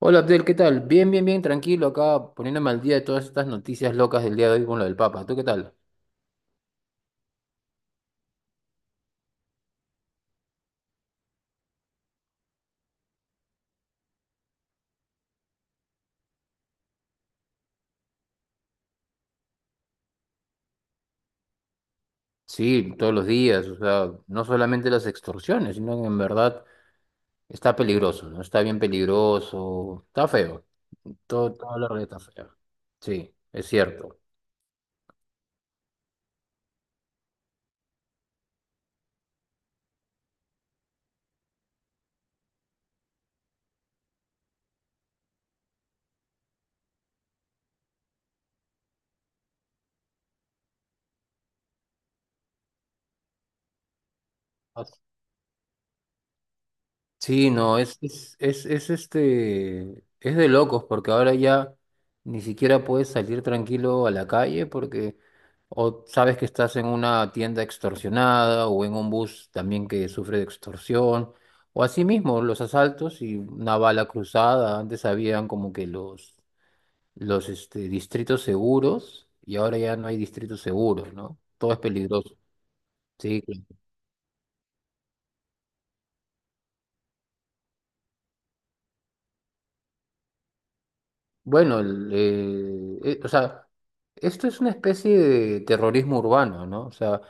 Hola Abdel, ¿qué tal? Bien, bien, bien, tranquilo acá poniéndome al día de todas estas noticias locas del día de hoy con lo del Papa. ¿Tú qué tal? Sí, todos los días, o sea, no solamente las extorsiones, sino que en verdad está peligroso, ¿no? Está bien peligroso, está feo. Todo, toda la red está fea. Sí, es cierto. Sí, no, es de locos, porque ahora ya ni siquiera puedes salir tranquilo a la calle porque o sabes que estás en una tienda extorsionada o en un bus también que sufre de extorsión, o así mismo los asaltos y una bala cruzada. Antes habían como que distritos seguros y ahora ya no hay distritos seguros, ¿no? Todo es peligroso. Sí, bueno, o sea, esto es una especie de terrorismo urbano, ¿no? O sea,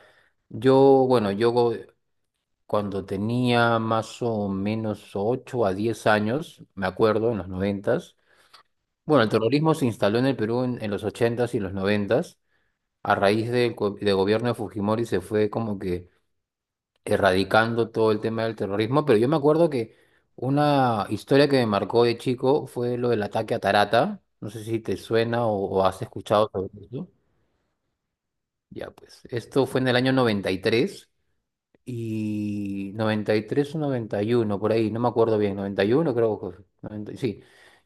yo, bueno, yo cuando tenía más o menos 8 a 10 años, me acuerdo, en los noventas. Bueno, el terrorismo se instaló en el Perú en los ochentas y los noventas a raíz del del gobierno de Fujimori se fue como que erradicando todo el tema del terrorismo, pero yo me acuerdo que una historia que me marcó de chico fue lo del ataque a Tarata. No sé si te suena o has escuchado sobre eso. Ya, pues, esto fue en el año 93 y 93 o 91 por ahí, no me acuerdo bien, 91 creo que fue, 90 sí.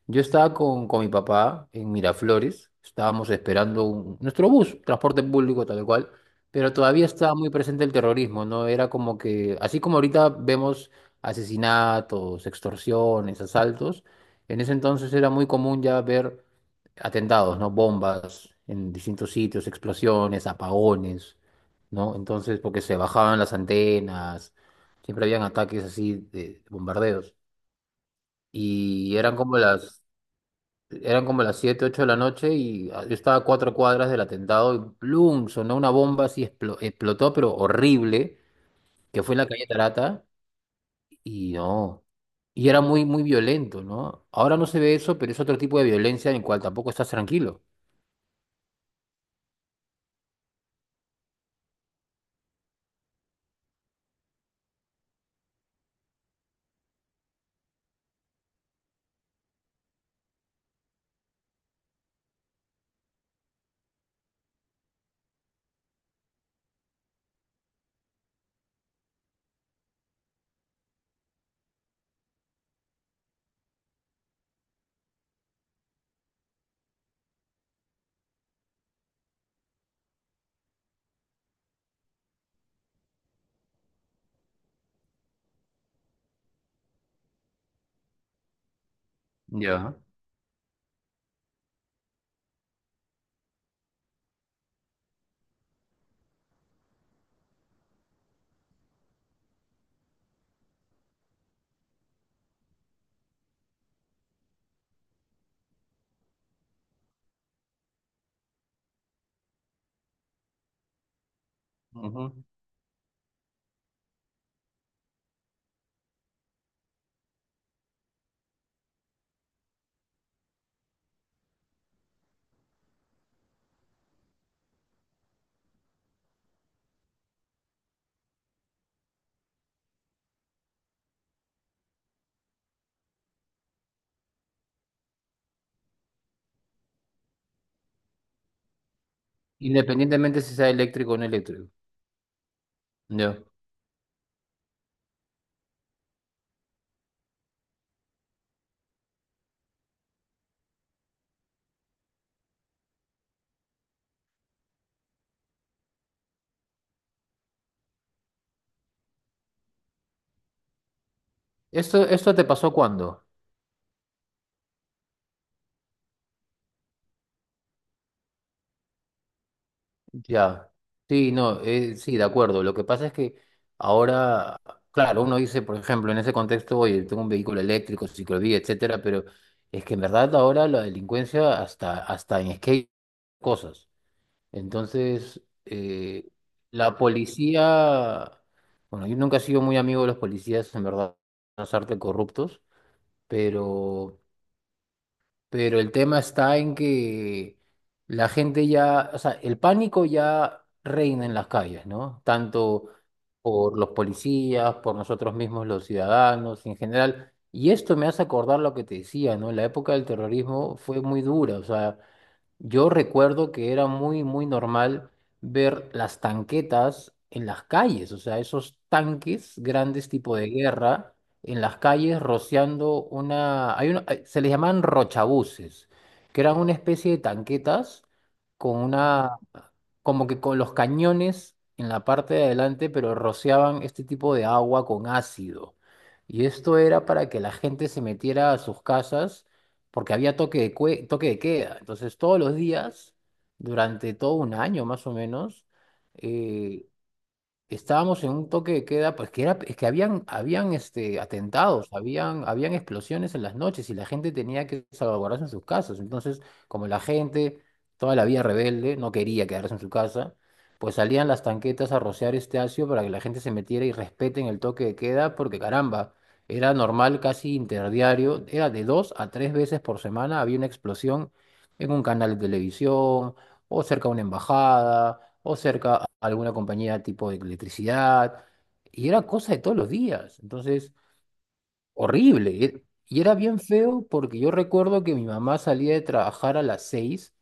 Yo estaba con mi papá en Miraflores, estábamos esperando nuestro bus, transporte público tal cual, pero todavía estaba muy presente el terrorismo, ¿no? Era como que, así como ahorita vemos asesinatos, extorsiones, asaltos, en ese entonces era muy común ya ver atentados, ¿no? Bombas en distintos sitios, explosiones, apagones, ¿no? Entonces, porque se bajaban las antenas, siempre habían ataques así de bombardeos. Y eran como las, eran como las 7 8 de la noche y yo estaba a 4 cuadras del atentado y ¡plum! Sonó una bomba así, explotó, pero horrible, que fue en la calle Tarata y no. Y era muy, muy violento, ¿no? Ahora no se ve eso, pero es otro tipo de violencia en el cual tampoco estás tranquilo. Ya. Ujú. Independientemente si sea eléctrico o no eléctrico. Ya. ¿Esto te pasó cuándo? Ya, sí, no, sí, de acuerdo. Lo que pasa es que ahora, claro, uno dice, por ejemplo, en ese contexto, oye, tengo un vehículo eléctrico, ciclovía, etcétera, pero es que en verdad ahora la delincuencia hasta en skate cosas. Entonces, la policía, bueno, yo nunca he sido muy amigo de los policías, en verdad, las artes corruptos, pero el tema está en que la gente ya, o sea, el pánico ya reina en las calles, ¿no? Tanto por los policías, por nosotros mismos los ciudadanos en general. Y esto me hace acordar lo que te decía, ¿no? La época del terrorismo fue muy dura, o sea, yo recuerdo que era muy, muy normal ver las tanquetas en las calles, o sea, esos tanques grandes tipo de guerra en las calles rociando una... Se les llamaban rochabuses, que eran una especie de tanquetas con una, como que con los cañones en la parte de adelante, pero rociaban este tipo de agua con ácido. Y esto era para que la gente se metiera a sus casas porque había toque de queda. Entonces, todos los días, durante todo un año más o menos, eh, estábamos en un toque de queda, pues que era, es que atentados, habían explosiones en las noches y la gente tenía que salvaguardarse en sus casas. Entonces, como la gente, toda la vía rebelde, no quería quedarse en su casa, pues salían las tanquetas a rociar este ácido para que la gente se metiera y respeten el toque de queda, porque caramba, era normal, casi interdiario, era de dos a tres veces por semana, había una explosión en un canal de televisión o cerca a una embajada, o cerca a alguna compañía tipo de electricidad, y era cosa de todos los días. Entonces, horrible, y era bien feo porque yo recuerdo que mi mamá salía de trabajar a las 6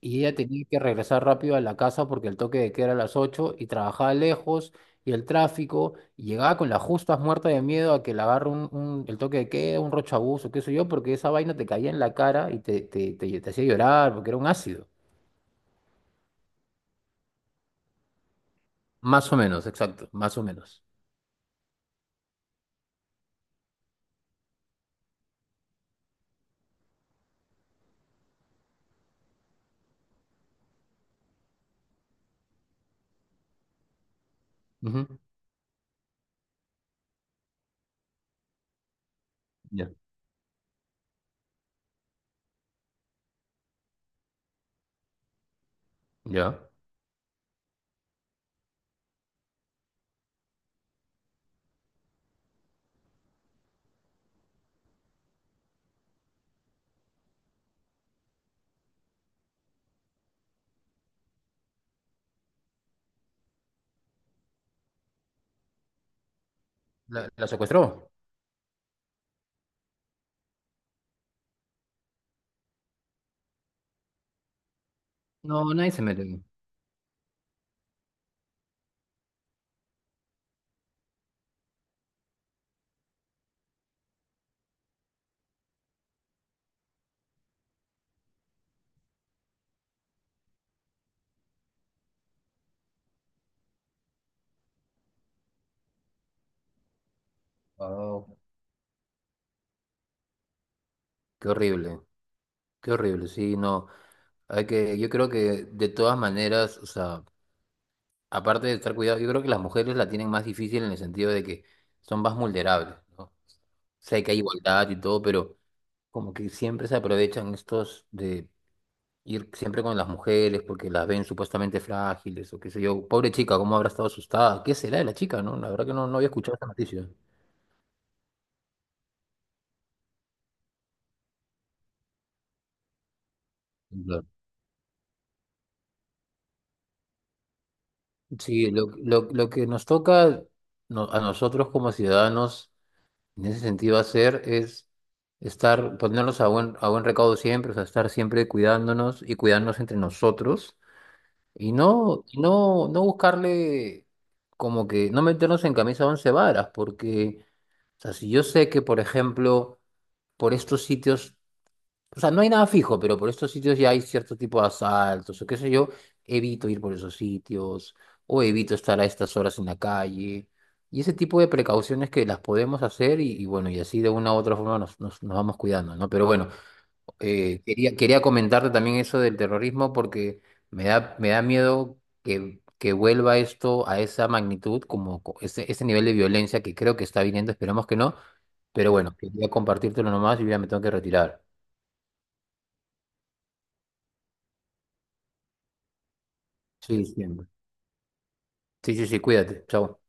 y ella tenía que regresar rápido a la casa porque el toque de queda era a las 8 y trabajaba lejos. Y el tráfico, y llegaba con las justas muerta de miedo a que le agarre el toque de queda, un rochabuzo, qué sé yo, porque esa vaina te caía en la cara y te hacía llorar porque era un ácido. Más o menos, exacto, más o menos. Ujú. Ya. ¿Ya? ¿La secuestró? No, nadie se metió. Wow, qué horrible, qué horrible, sí, no. Yo creo que de todas maneras, o sea, aparte de estar cuidado, yo creo que las mujeres la tienen más difícil en el sentido de que son más vulnerables, ¿no? Sé que hay igualdad y todo, pero como que siempre se aprovechan estos de ir siempre con las mujeres porque las ven supuestamente frágiles o qué sé yo. Pobre chica, ¿cómo habrá estado asustada? ¿Qué será de la chica, no? La verdad que no, no había escuchado esa noticia. Claro. Sí, lo que nos toca a nosotros como ciudadanos en ese sentido hacer es ponernos a buen recaudo siempre, o sea, estar siempre cuidándonos y cuidarnos entre nosotros y no buscarle, como que no meternos en camisa once varas, porque o sea, si yo sé que, por ejemplo, por estos sitios, o sea, no hay nada fijo, pero por estos sitios ya hay cierto tipo de asaltos o qué sé yo, evito ir por esos sitios o evito estar a estas horas en la calle. Y ese tipo de precauciones que las podemos hacer y bueno, y así de una u otra forma nos vamos cuidando, ¿no? Pero bueno, quería comentarte también eso del terrorismo porque me da miedo que vuelva esto a esa magnitud, como ese, ese nivel de violencia que creo que está viniendo, esperemos que no, pero bueno, quería compartírtelo nomás y ya me tengo que retirar. Sí, sí, sí, sí, sí, cuídate, chao.